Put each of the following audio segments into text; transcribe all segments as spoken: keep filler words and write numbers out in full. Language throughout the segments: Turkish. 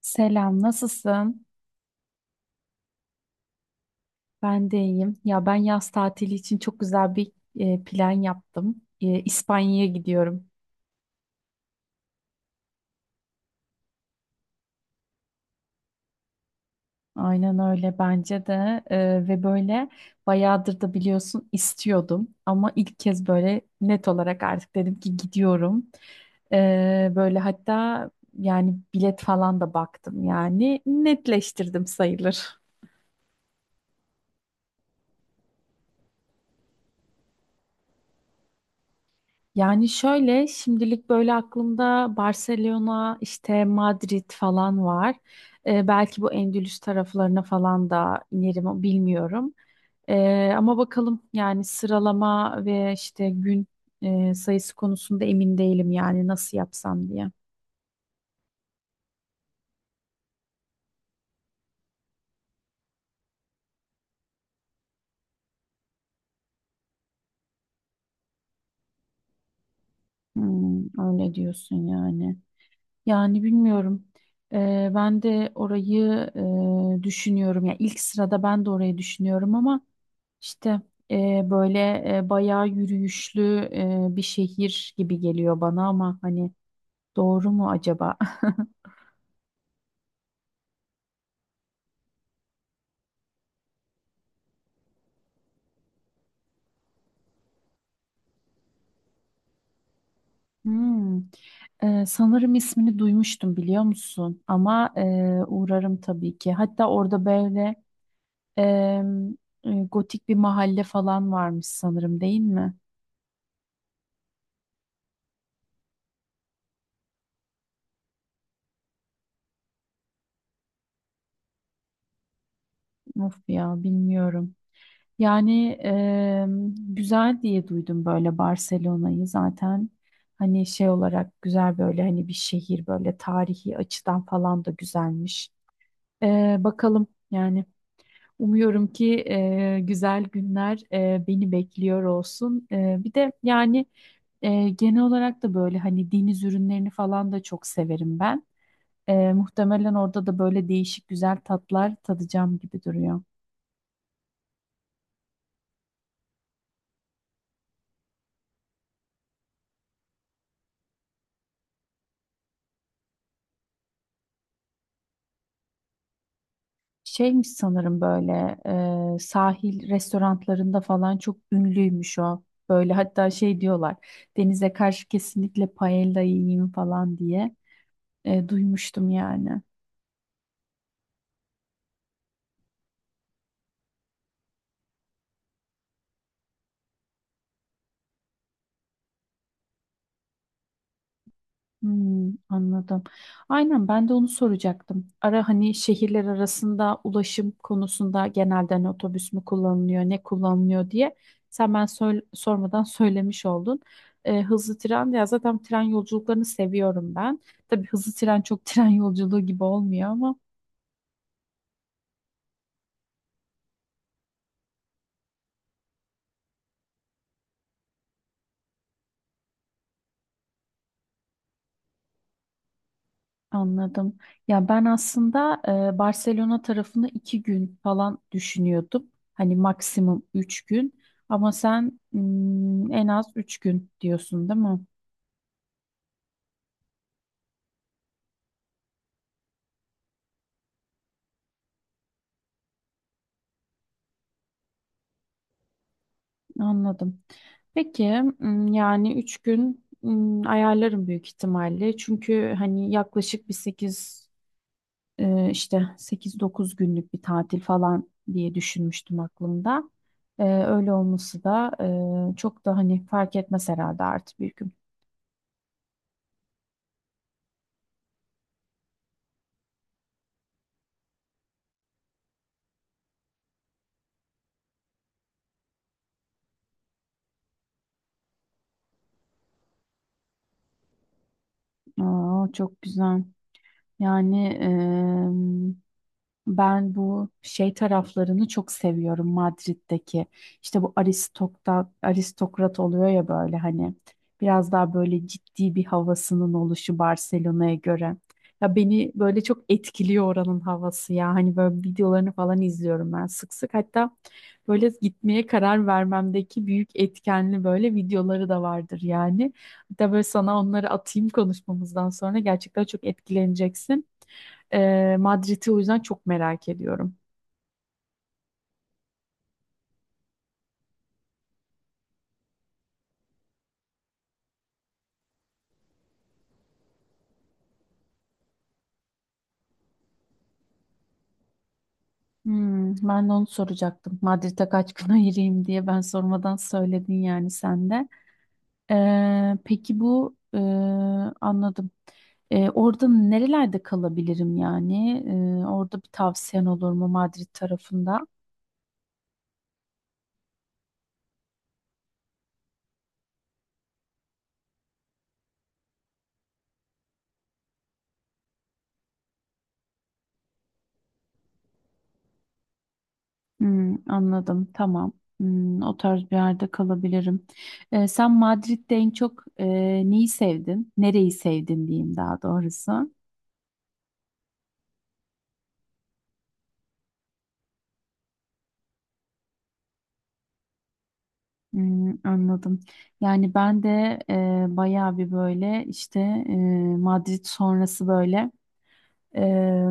Selam, nasılsın? Ben de iyiyim. Ya ben yaz tatili için çok güzel bir e, plan yaptım. E, İspanya'ya gidiyorum. Aynen öyle bence de, E, ve böyle bayağıdır da biliyorsun istiyordum ama ilk kez böyle net olarak artık dedim ki gidiyorum. E, böyle hatta yani bilet falan da baktım, yani netleştirdim sayılır. Yani şöyle şimdilik böyle aklımda Barcelona, işte Madrid falan var. Ee, belki bu Endülüs taraflarına falan da inerim, bilmiyorum. Ee, ama bakalım, yani sıralama ve işte gün e, sayısı konusunda emin değilim, yani nasıl yapsam diye. Hmm, öyle diyorsun yani. Yani bilmiyorum. Ee, ben de orayı e, düşünüyorum. Yani ilk sırada ben de orayı düşünüyorum ama işte, e, böyle e, bayağı yürüyüşlü e, bir şehir gibi geliyor bana, ama hani doğru mu acaba? Hmm. Ee, sanırım ismini duymuştum, biliyor musun? Ama e, uğrarım tabii ki. Hatta orada böyle e, e, gotik bir mahalle falan varmış sanırım, değil mi? Of ya bilmiyorum. Yani em, güzel diye duydum böyle Barcelona'yı zaten, hani şey olarak güzel, böyle hani bir şehir, böyle tarihi açıdan falan da güzelmiş. E, bakalım yani, umuyorum ki e, güzel günler e, beni bekliyor olsun. E, bir de yani e, genel olarak da böyle hani deniz ürünlerini falan da çok severim ben. Ee, muhtemelen orada da böyle değişik güzel tatlar tadacağım gibi duruyor. Şeymiş sanırım, böyle e, sahil restoranlarında falan çok ünlüymüş o. Böyle hatta şey diyorlar, denize karşı kesinlikle paella yiyeyim falan diye e, duymuştum yani. Hmm, anladım. Aynen, ben de onu soracaktım. Ara hani şehirler arasında ulaşım konusunda genelde hani otobüs mü kullanılıyor, ne kullanılıyor diye sen ben söyle- sormadan söylemiş oldun. Ee, hızlı tren ya, zaten tren yolculuklarını seviyorum ben. Tabii hızlı tren çok tren yolculuğu gibi olmuyor ama. Anladım. Ya ben aslında e, Barcelona tarafını iki gün falan düşünüyordum. Hani maksimum üç gün. Ama sen mm, en az üç gün diyorsun, değil mi? Anladım. Peki, mm, yani üç gün mm, ayarlarım büyük ihtimalle. Çünkü hani yaklaşık bir sekiz e, işte sekiz dokuz günlük bir tatil falan diye düşünmüştüm aklımda. E, öyle olması da e, çok da hani fark etmez herhalde artık bir gün. Aa, çok güzel. Yani ben bu şey taraflarını çok seviyorum, Madrid'deki. İşte bu aristokrat, aristokrat oluyor ya, böyle hani biraz daha böyle ciddi bir havasının oluşu Barcelona'ya göre. Ya beni böyle çok etkiliyor oranın havası ya. Hani böyle videolarını falan izliyorum ben sık sık. Hatta böyle gitmeye karar vermemdeki büyük etkenli böyle videoları da vardır yani. Hatta böyle sana onları atayım konuşmamızdan sonra, gerçekten çok etkileneceksin. Ee, Madrid'i o yüzden çok merak ediyorum. Hmm, ben de onu soracaktım. Madrid'e kaç gün ayırayım diye ben sormadan söyledin yani sen de. Ee, peki bu, e, anladım. Ee, orada nerelerde kalabilirim yani? Ee, orada bir tavsiyen olur mu Madrid tarafında? Hmm, anladım. Tamam. Hmm, o tarz bir yerde kalabilirim. Ee, sen Madrid'de en çok e, neyi sevdin? Nereyi sevdin diyeyim daha doğrusu. Hmm, anladım. Yani ben de e, bayağı bir böyle, işte e, Madrid sonrası böyle e,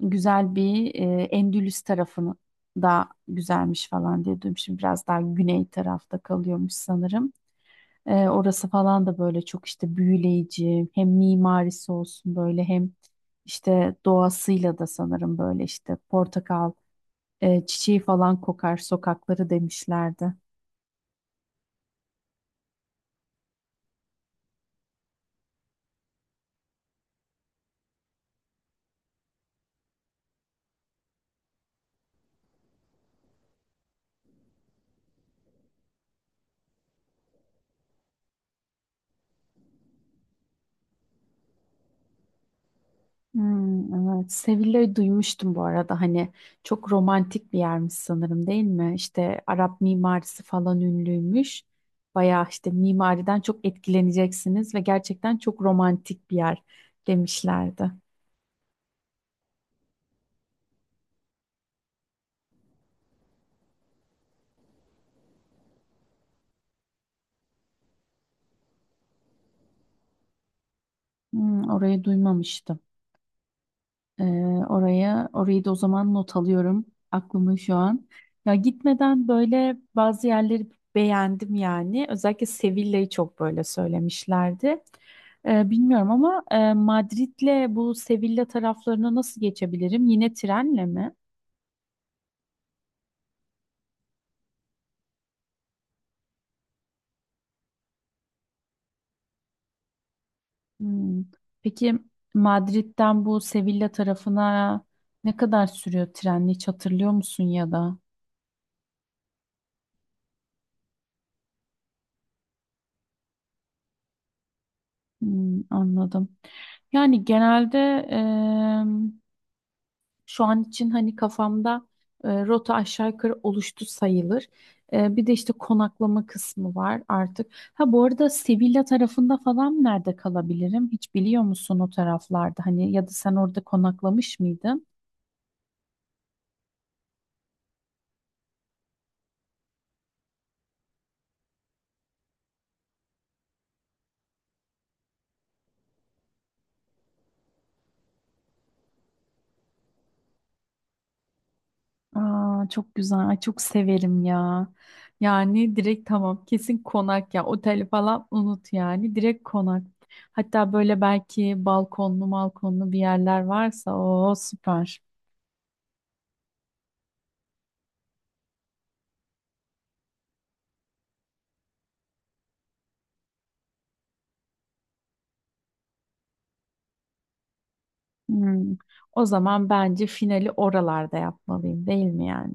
güzel bir e, Endülüs tarafını da güzelmiş falan diye duydum. Şimdi biraz daha güney tarafta kalıyormuş sanırım. E, orası falan da böyle çok işte büyüleyici, hem mimarisi olsun, böyle hem işte doğasıyla da sanırım, böyle işte portakal e, çiçeği falan kokar sokakları demişlerdi. Hmm, evet. Sevilla'yı duymuştum bu arada. Hani çok romantik bir yermiş sanırım, değil mi? İşte Arap mimarisi falan ünlüymüş. Bayağı işte mimariden çok etkileneceksiniz ve gerçekten çok romantik bir yer demişlerdi. Hmm, orayı duymamıştım. Ee, oraya orayı da o zaman not alıyorum aklımın şu an. Ya gitmeden böyle bazı yerleri beğendim yani. Özellikle Sevilla'yı çok böyle söylemişlerdi. Ee, bilmiyorum ama e, Madrid'le bu Sevilla taraflarına nasıl geçebilirim? Yine trenle mi? Hmm. Peki Madrid'den bu Sevilla tarafına ne kadar sürüyor trenle, hiç hatırlıyor musun, ya da? Hmm, anladım. Yani genelde, şu an için hani kafamda e, rota aşağı yukarı oluştu sayılır. E, bir de işte konaklama kısmı var artık. Ha bu arada Sevilla tarafında falan nerede kalabilirim? Hiç biliyor musun o taraflarda? Hani ya da sen orada konaklamış mıydın? Aa, çok güzel. Ay, çok severim ya. Yani direkt tamam, kesin konak ya. Oteli falan unut yani. Direkt konak. Hatta böyle belki balkonlu balkonlu bir yerler varsa o süper. Hmm. O zaman bence finali oralarda yapmalıyım, değil mi yani?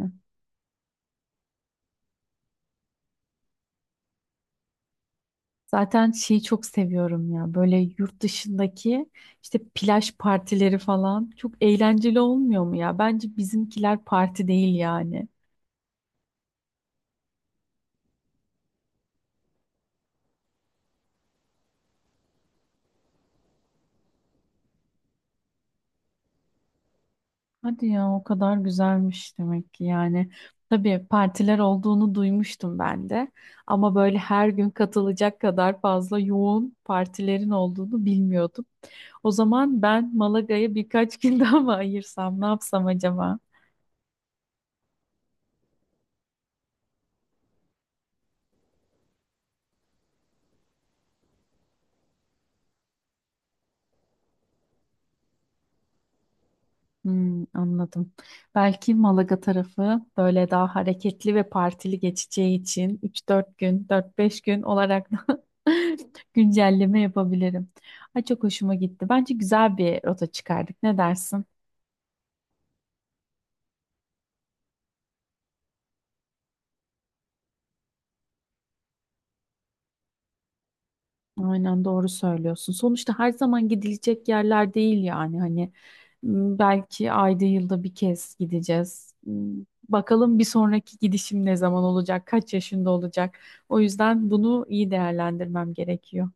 Zaten şeyi çok seviyorum ya, böyle yurt dışındaki işte plaj partileri falan çok eğlenceli olmuyor mu ya? Bence bizimkiler parti değil yani. Hadi ya, o kadar güzelmiş demek ki yani. Tabii partiler olduğunu duymuştum ben de, ama böyle her gün katılacak kadar fazla yoğun partilerin olduğunu bilmiyordum. O zaman ben Malaga'ya birkaç gün daha mı ayırsam, ne yapsam acaba? Hmm, anladım. Belki Malaga tarafı böyle daha hareketli ve partili geçeceği için üç dört gün, dört beş gün olarak da güncelleme yapabilirim. Ay çok hoşuma gitti. Bence güzel bir rota çıkardık. Ne dersin? Aynen, doğru söylüyorsun. Sonuçta her zaman gidilecek yerler değil yani. Hani m, belki ayda yılda bir kez gideceğiz. M, Bakalım bir sonraki gidişim ne zaman olacak, kaç yaşında olacak. O yüzden bunu iyi değerlendirmem gerekiyor.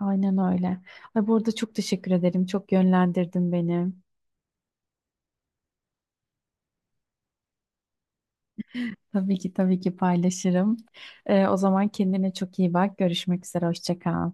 Aynen öyle. Ay, bu arada çok teşekkür ederim. Çok yönlendirdin beni. Tabii ki, tabii ki paylaşırım. Ee, o zaman kendine çok iyi bak. Görüşmek üzere. Hoşça kal.